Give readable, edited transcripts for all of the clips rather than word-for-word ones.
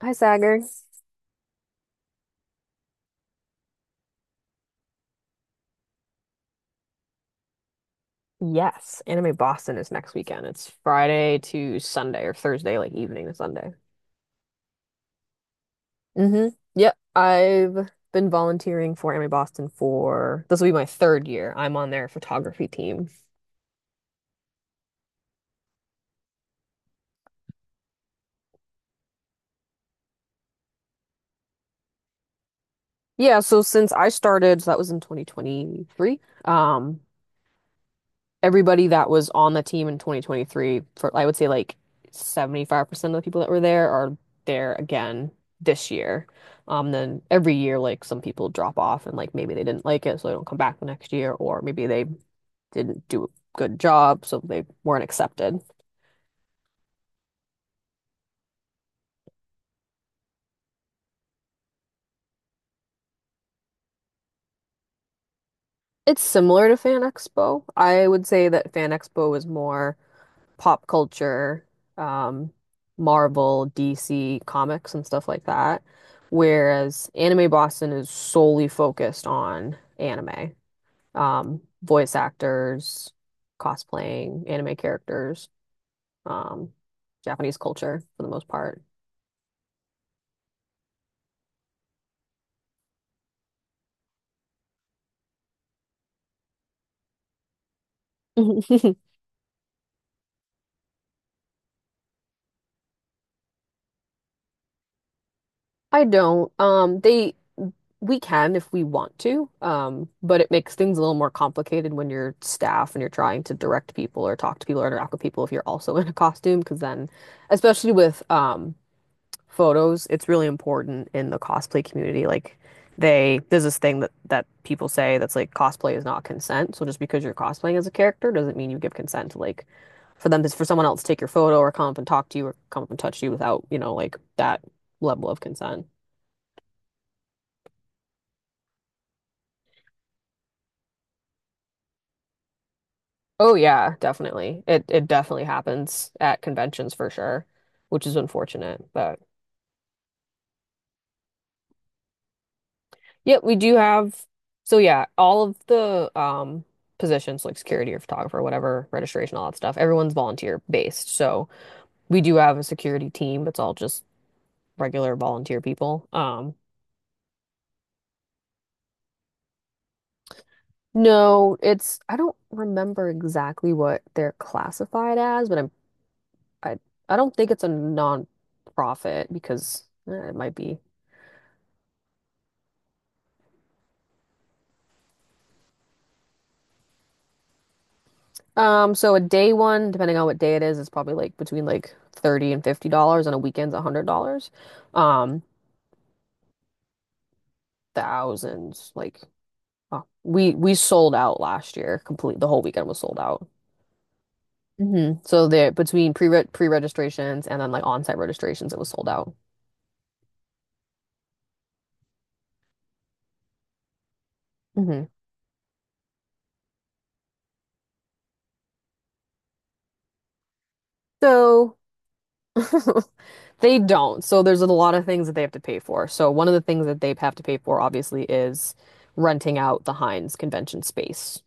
Hi, Sagar. Yes, Anime Boston is next weekend. It's Friday to Sunday or Thursday, like evening to Sunday. Hmm Yep, I've been volunteering for Anime Boston for this will be my third year. I'm on their photography team. Yeah, so since I started, so that was in 2023. Everybody that was on the team in 2023 for I would say like 75% of the people that were there are there again this year. Then every year like some people drop off and like maybe they didn't like it so they don't come back the next year or maybe they didn't do a good job so they weren't accepted. It's similar to Fan Expo. I would say that Fan Expo was more pop culture, um, Marvel, DC comics and stuff like that. Whereas Anime Boston is solely focused on anime, voice actors, cosplaying, anime characters, um, Japanese culture for the most part. I don't. They We can if we want to, but it makes things a little more complicated when you're staff and you're trying to direct people or talk to people or interact with people if you're also in a costume, because then, especially with photos, it's really important in the cosplay community. Like there's this thing that people say that's like cosplay is not consent. So just because you're cosplaying as a character doesn't mean you give consent to like for someone else to take your photo or come up and talk to you or come up and touch you without, you know, like that level of consent. Oh yeah, definitely. It definitely happens at conventions for sure, which is unfortunate. But yeah, we do have all of the positions like security or photographer, whatever, registration, all that stuff, everyone's volunteer based. So we do have a security team. It's all just regular volunteer people. No, it's I don't remember exactly what they're classified as, but I I don't think it's a non-profit because eh, it might be. So a day one, depending on what day it is, it's probably like between like 30 and $50 and a weekend's $100. Um, thousands like we sold out last year complete the whole weekend was sold out. Hmm So there between pre-registrations and then like on-site registrations it was sold out. Hmm So they don't. So there's a lot of things that they have to pay for. So one of the things that they have to pay for obviously is renting out the Heinz convention space.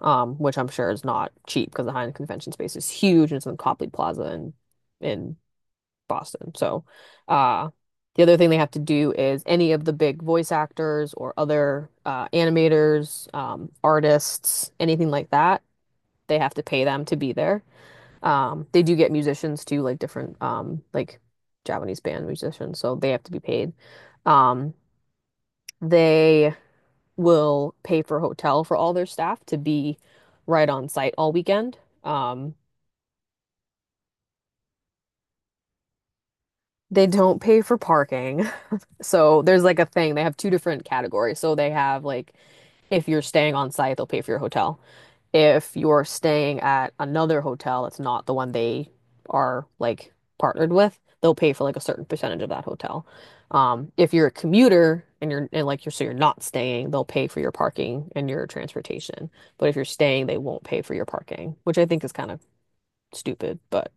Um, which I'm sure is not cheap because the Heinz Convention Space is huge and it's in Copley Plaza in in Boston. So, uh, the other thing they have to do is any of the big voice actors or other animators, artists, anything like that, they have to pay them to be there. They do get musicians too, like different like Japanese band musicians, so they have to be paid. Um, they will pay for hotel for all their staff to be right on site all weekend. They don't pay for parking. So there's like a thing. They have two different categories. So they have like if you're staying on site, they'll pay for your hotel. If you're staying at another hotel that's not the one they are like partnered with, they'll pay for like a certain percentage of that hotel. If you're a commuter and you're and like you're so you're not staying, they'll pay for your parking and your transportation. But if you're staying, they won't pay for your parking, which I think is kind of stupid, but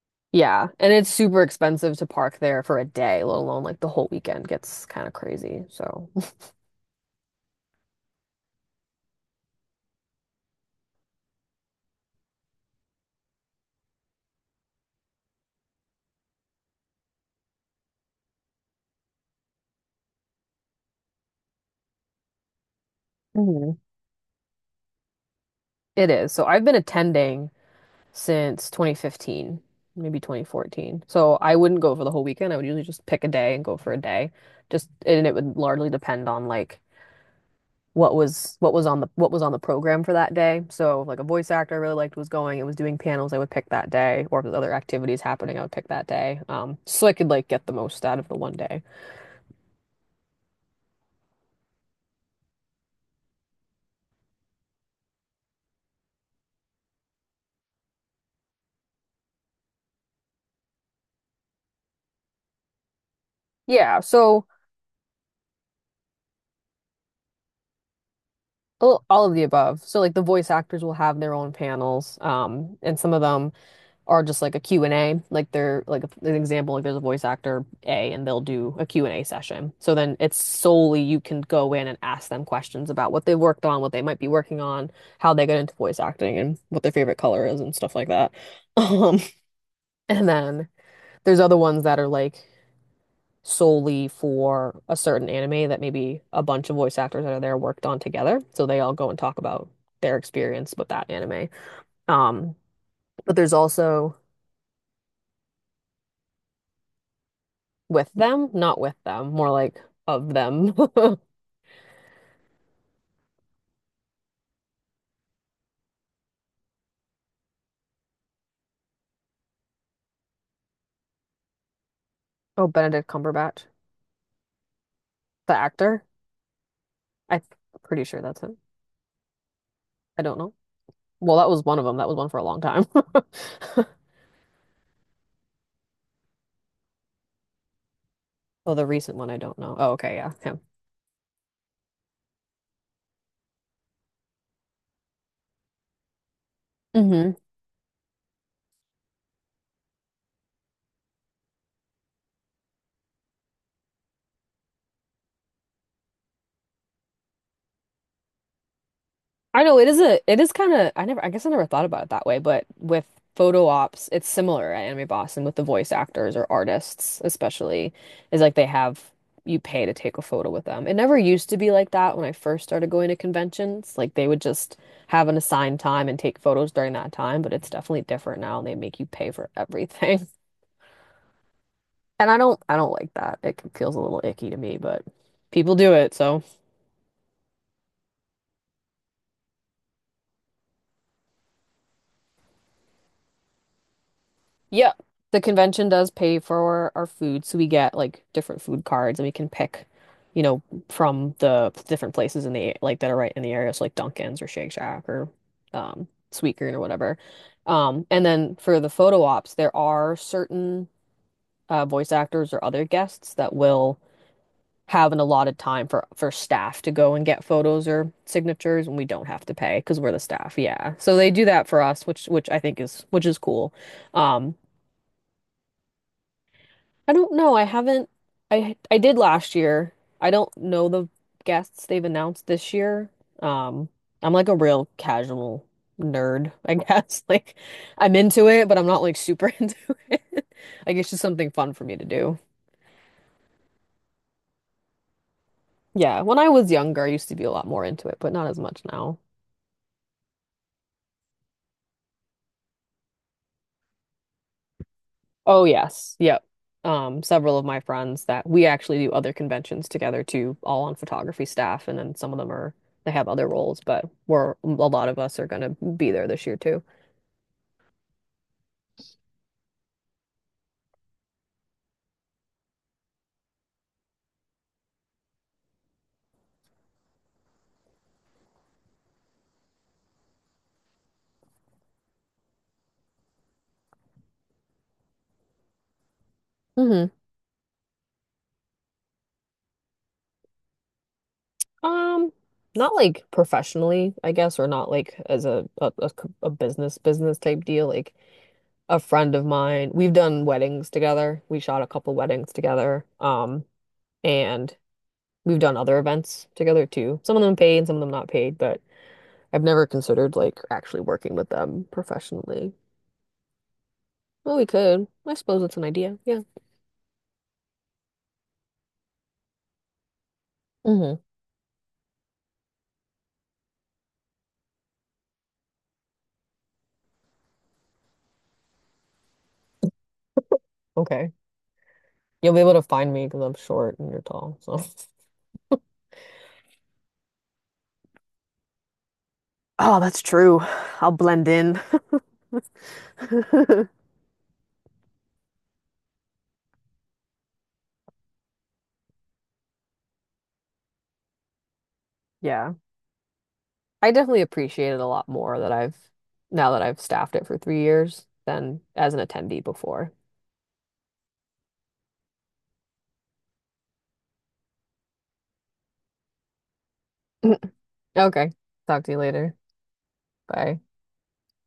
yeah. And it's super expensive to park there for a day, let alone like the whole weekend gets kind of crazy. So Mhm. It is. So I've been attending since 2015, maybe 2014. So I wouldn't go for the whole weekend. I would usually just pick a day and go for a day. Just and It would largely depend on like what was on the program for that day. So if, like a voice actor I really liked was going and was doing panels, I would pick that day, or if there's other activities happening, I would pick that day. So I could like get the most out of the one day. Yeah, so all of the above. So like the voice actors will have their own panels, and some of them are just like a Q and A, like they're like an example, like there's a voice actor A and they'll do a Q and A session, so then it's solely you can go in and ask them questions about what they worked on, what they might be working on, how they got into voice acting and what their favorite color is and stuff like that. Um, and then there's other ones that are like solely for a certain anime that maybe a bunch of voice actors that are there worked on together, so they all go and talk about their experience with that anime. Um, but there's also with them? Not with them, more like of them. Oh, Benedict Cumberbatch, the actor. I'm pretty sure that's him. I don't know. Well, that was one of them. That was one for a long time. Oh, the recent one, I don't know. Oh, okay, yeah, him. Hmm I know, it is a it is kind of, I never, I guess I never thought about it that way, but with photo ops, it's similar at Anime Boston with the voice actors or artists especially is like they have you pay to take a photo with them. It never used to be like that when I first started going to conventions. Like they would just have an assigned time and take photos during that time, but it's definitely different now and they make you pay for everything. And I don't like that. It feels a little icky to me, but people do it, so yeah, the convention does pay for our food, so we get like different food cards and we can pick, you know, from the different places in the like that are right in the area, so like Dunkin's or Shake Shack or Sweetgreen or whatever. And then for the photo ops, there are certain voice actors or other guests that will have an allotted time for staff to go and get photos or signatures, and we don't have to pay because we're the staff. Yeah, so they do that for us, which I think is which is cool. Um, I don't know. I haven't. I did last year. I don't know the guests they've announced this year. Um, I'm like a real casual nerd, I guess. Like I'm into it, but I'm not like super into it. Like it's just something fun for me to do. Yeah, when I was younger, I used to be a lot more into it, but not as much now. Oh yes, yep. Several of my friends that we actually do other conventions together too, all on photography staff, and then some of them are they have other roles, but we're a lot of us are going to be there this year too. Hmm Um, Not like professionally, I guess, or not like as a a business business type deal. Like a friend of mine, we've done weddings together. We shot a couple weddings together. And we've done other events together too. Some of them paid, some of them not paid, I've never considered like actually working with them professionally. Well, we could. I suppose it's an idea. Yeah. hmm Okay. You'll be able to find me because I'm short and you're tall. So, oh, that's true. I'll blend in. Yeah. I definitely appreciate it a lot more that I've now that I've staffed it for 3 years than as an attendee before. Okay. Talk to you later. Bye.